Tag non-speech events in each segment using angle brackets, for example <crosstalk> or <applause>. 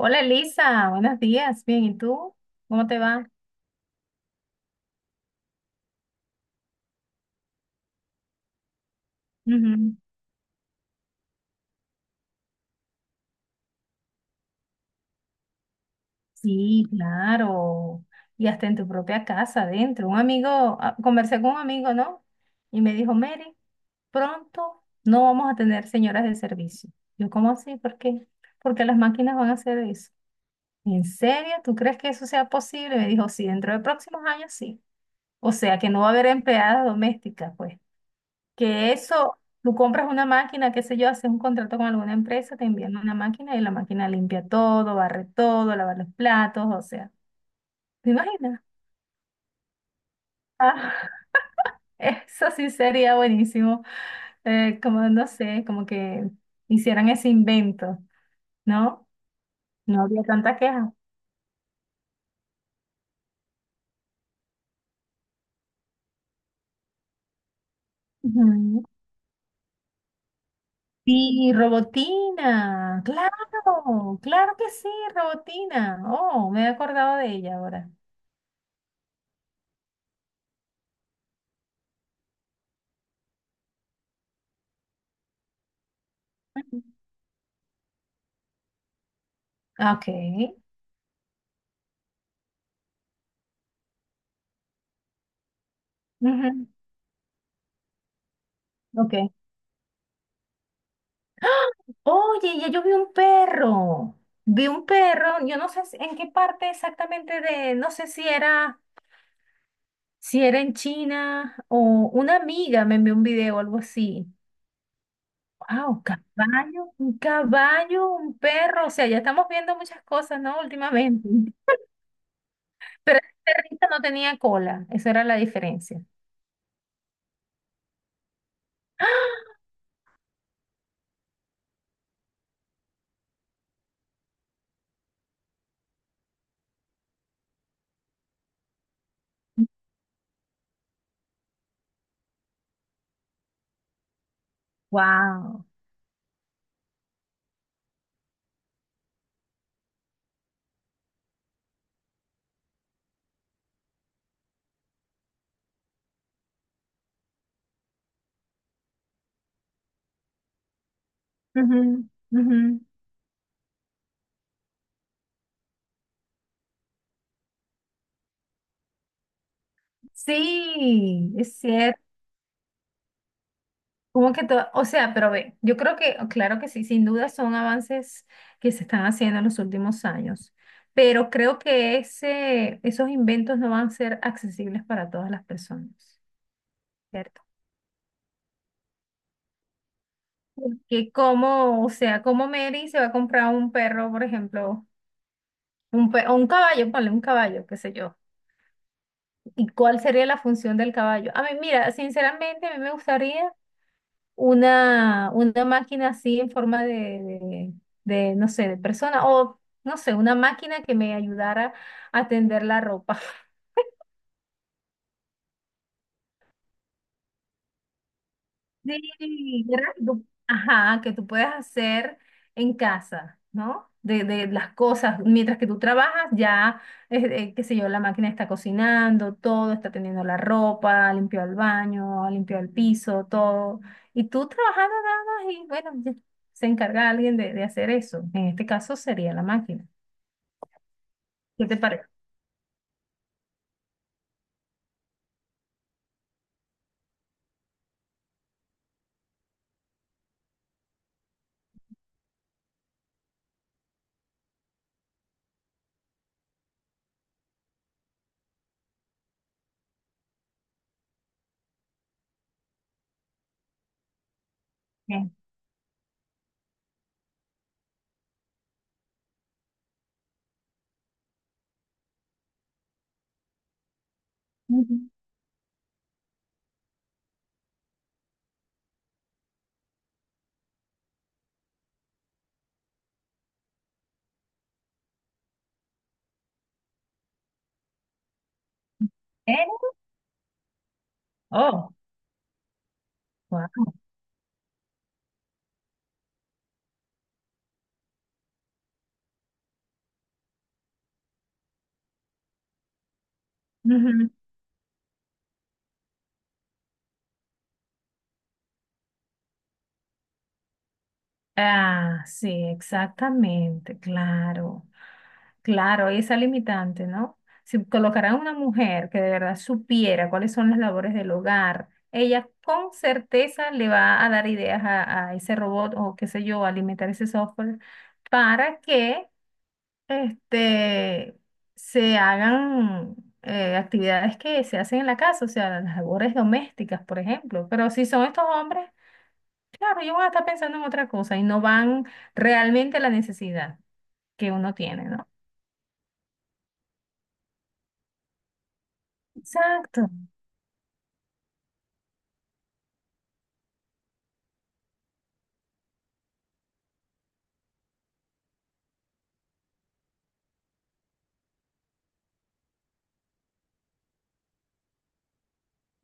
Hola Elisa, buenos días, bien, ¿y tú? ¿Cómo te va? Ujú. Sí, claro, y hasta en tu propia casa, adentro. Un amigo, ah, conversé con un amigo, ¿no? Y me dijo, Mary, pronto no vamos a tener señoras de servicio. Yo, ¿cómo así? ¿Por qué? Porque las máquinas van a hacer eso. ¿En serio? ¿Tú crees que eso sea posible? Me dijo, sí, dentro de próximos años sí. O sea, que no va a haber empleadas domésticas, pues. Que eso, tú compras una máquina, qué sé yo, haces un contrato con alguna empresa, te envían una máquina y la máquina limpia todo, barre todo, lava los platos, o sea, ¿te imaginas? Ah, <laughs> eso sí sería buenísimo, como no sé, como que hicieran ese invento, ¿no? No había tanta queja. Ujú. Sí, robotina, claro, claro que sí, robotina. Oh, me he acordado de ella ahora. Ujú. Ah, ok. Ujú. Ok. Oye, ya yo vi un perro. Vi un perro, yo no sé en qué parte exactamente de, no sé si era, si era en China o una amiga me envió un video o algo así. Wow, caballo, un perro. O sea, ya estamos viendo muchas cosas, ¿no? Últimamente. Pero el perrito no tenía cola. Esa era la diferencia. Wow. Sí, es cierto. Como que todo, o sea, pero ve, yo creo que, claro que sí, sin duda son avances que se están haciendo en los últimos años, pero creo que ese, esos inventos no van a ser accesibles para todas las personas, ¿cierto? Porque como, o sea, como Mary se va a comprar un perro, por ejemplo, un o un caballo, ponle un caballo, qué sé yo, ¿y cuál sería la función del caballo? A mí, mira, sinceramente, a mí me gustaría una máquina así en forma de, no sé, de persona o, no sé, una máquina que me ayudara a tender la ropa. <laughs> Sí, ¿verdad? Que ajá, que tú puedes hacer en casa, ¿no? De las cosas, mientras que tú trabajas, ya, qué sé yo, la máquina está cocinando, todo, está teniendo la ropa, limpió el baño, limpió el piso, todo. Y tú trabajando nada más y bueno, ya se encarga alguien de hacer eso. En este caso sería la máquina. ¿Qué te parece? Bien. Ujú. ¿Eh? Oh, wow. Ah, sí, exactamente, claro. Claro, y esa limitante, ¿no? Si colocaran una mujer que de verdad supiera cuáles son las labores del hogar, ella con certeza le va a dar ideas a ese robot o qué sé yo, a alimentar ese software para que este, se hagan actividades que se hacen en la casa, o sea, las labores domésticas, por ejemplo. Pero si son estos hombres. Claro, ellos van a estar pensando en otra cosa y no van realmente a la necesidad que uno tiene, ¿no? Exacto.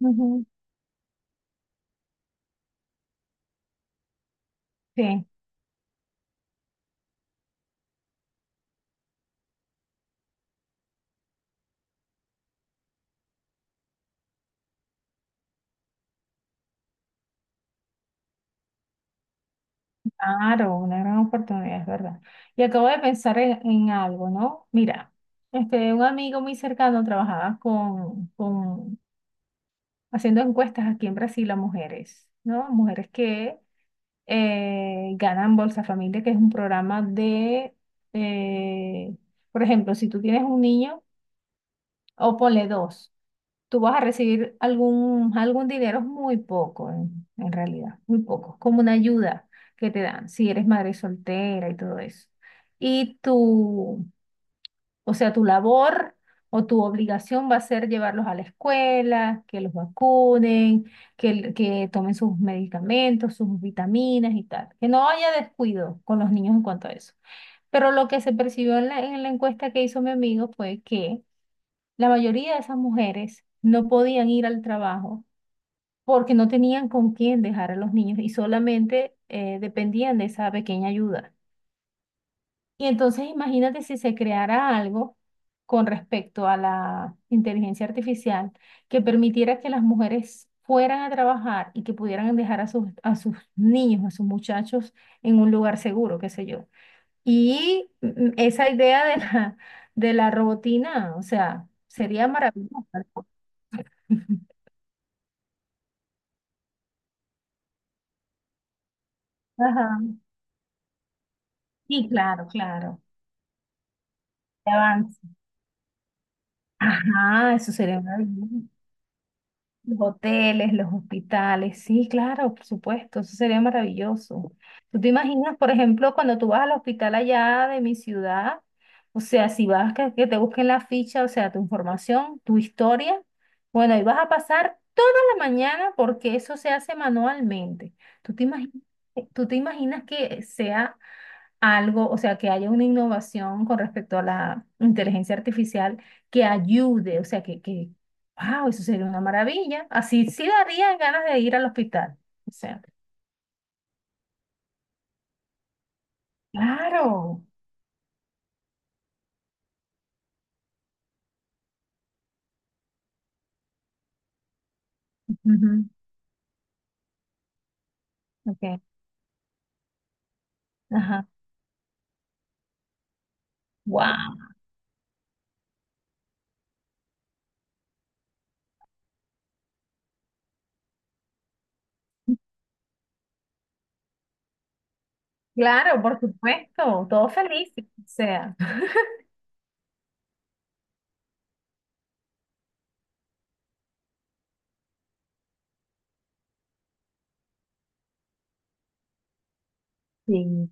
Ujú. Sí, claro, una gran oportunidad, es verdad. Y acabo de pensar en algo, ¿no? Mira, este, un amigo muy cercano trabajaba con haciendo encuestas aquí en Brasil a mujeres, ¿no? Mujeres que ganan Bolsa Familia, que es un programa de, eh, por ejemplo, si tú tienes un niño, o ponle dos. Tú vas a recibir algún, algún dinero muy poco, en realidad, muy poco, como una ayuda que te dan si eres madre soltera y todo eso. Y tu, o sea, tu labor o tu obligación va a ser llevarlos a la escuela, que los vacunen, que, que tomen sus medicamentos, sus vitaminas y tal. Que no haya descuido con los niños en cuanto a eso. Pero lo que se percibió en la encuesta que hizo mi amigo fue que la mayoría de esas mujeres no podían ir al trabajo porque no tenían con quién dejar a los niños y solamente dependían de esa pequeña ayuda. Y entonces imagínate si se creara algo con respecto a la inteligencia artificial que permitiera que las mujeres fueran a trabajar y que pudieran dejar a sus niños, a sus muchachos en un lugar seguro, qué sé yo. Y esa idea de la robotina, o sea, sería maravillosa. <laughs> Ajá. Sí, claro, claro. De avance. Ajá, eso sería maravilloso. Los hoteles, los hospitales, sí, claro, por supuesto, eso sería maravilloso. ¿Tú te imaginas, por ejemplo, cuando tú vas al hospital allá de mi ciudad? O sea, si vas, que te busquen la ficha, o sea, tu información, tu historia, bueno, y vas a pasar toda la mañana porque eso se hace manualmente. ¿Tú te imaginas, tú te imaginas que sea algo, o sea, que haya una innovación con respecto a la inteligencia artificial que ayude, o sea, que, wow, eso sería una maravilla. Así sí darían ganas de ir al hospital. O sea, claro. Ujú, ok, ajá. Wow. Claro, por supuesto, todo feliz, o sea. Sí.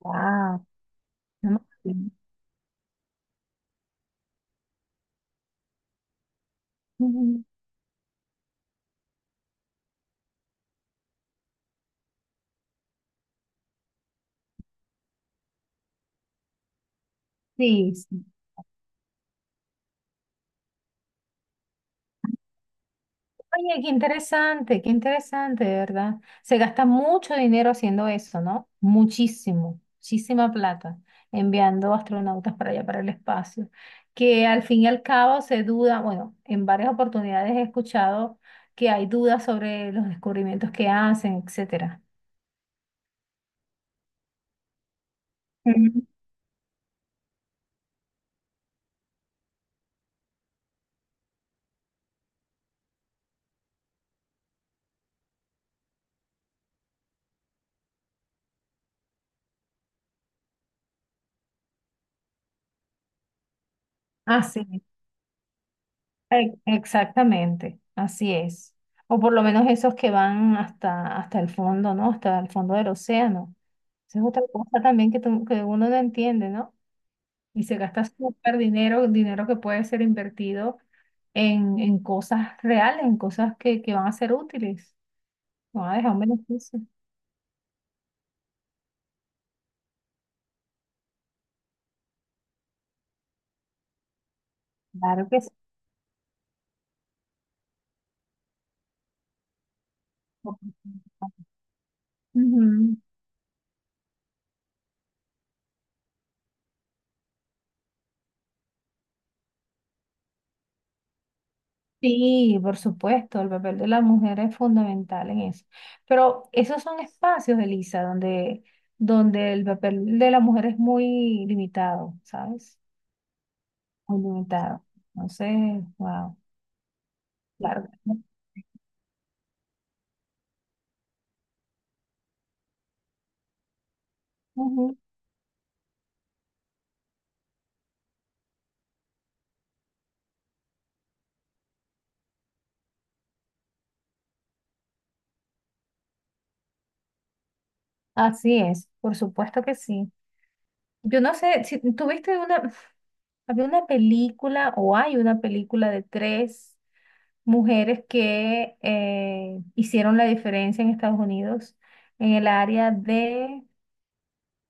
Wow. Sí, sí. Oye, qué interesante, de verdad. Se gasta mucho dinero haciendo eso, ¿no? Muchísimo, muchísima plata, enviando astronautas para allá, para el espacio. Que al fin y al cabo se duda, bueno, en varias oportunidades he escuchado que hay dudas sobre los descubrimientos que hacen, etcétera. Ujú. Ah, sí. Exactamente, así es. O por lo menos esos que van hasta, hasta el fondo, ¿no? Hasta el fondo del océano. Esa es otra cosa también que, que uno no entiende, ¿no? Y se gasta súper dinero, dinero que puede ser invertido en cosas reales, en cosas que van a ser útiles, van a dejar un beneficio. Claro que sí. Ujú. Sí, por supuesto, el papel de la mujer es fundamental en eso. Pero esos son espacios, Elisa, donde, donde el papel de la mujer es muy limitado, ¿sabes? Muy limitado. Entonces, wow, claro. Ujú, así es, por supuesto que sí. Yo no sé si tuviste una, <laughs> había una película o hay una película de tres mujeres que hicieron la diferencia en Estados Unidos en el área de.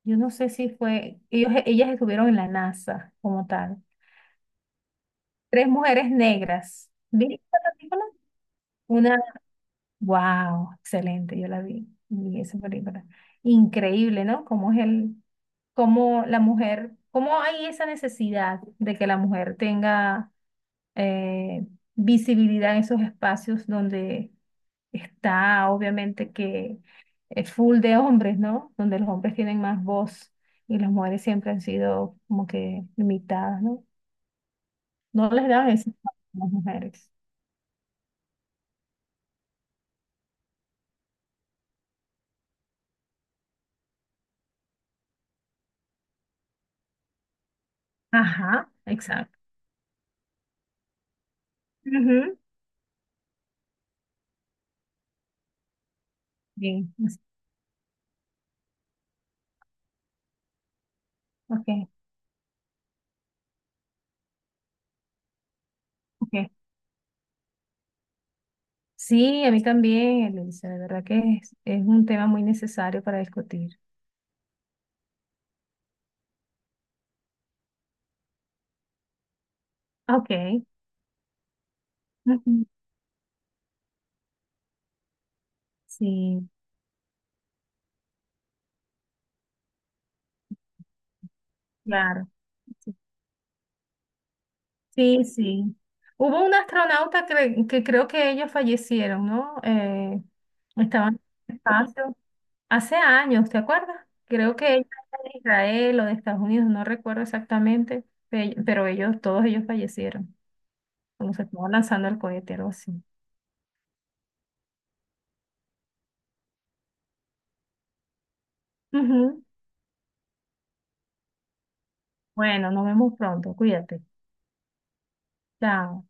Yo no sé si fue, ellos, ellas estuvieron en la NASA como tal. Tres mujeres negras. ¿Viste esa película? Una, wow, excelente, yo la vi, vi esa película. Increíble, ¿no? Cómo es el, cómo la mujer, cómo hay esa necesidad de que la mujer tenga eh, visibilidad en esos espacios donde. Está obviamente que es full de hombres, ¿no? Donde los hombres tienen más voz y las mujeres siempre han sido como que limitadas, ¿no? No les dan ese espacio a las mujeres. Ajá, exacto. Ujú. Bien, ok, ok. Sí, a mí también, Elisa, de verdad que es un tema muy necesario para discutir. Ok, ujú, sí, claro. Sí, sí. Hubo un astronauta que creo que ellos fallecieron, ¿no? Estaban en el espacio hace años, ¿te acuerdas? Creo que ella era de Israel o de Estados Unidos, no recuerdo exactamente, pero ellos, todos ellos fallecieron cuando se estuvo lanzando el cohete, algo así. Ujú. Bueno, nos vemos pronto, cuídate. Chao.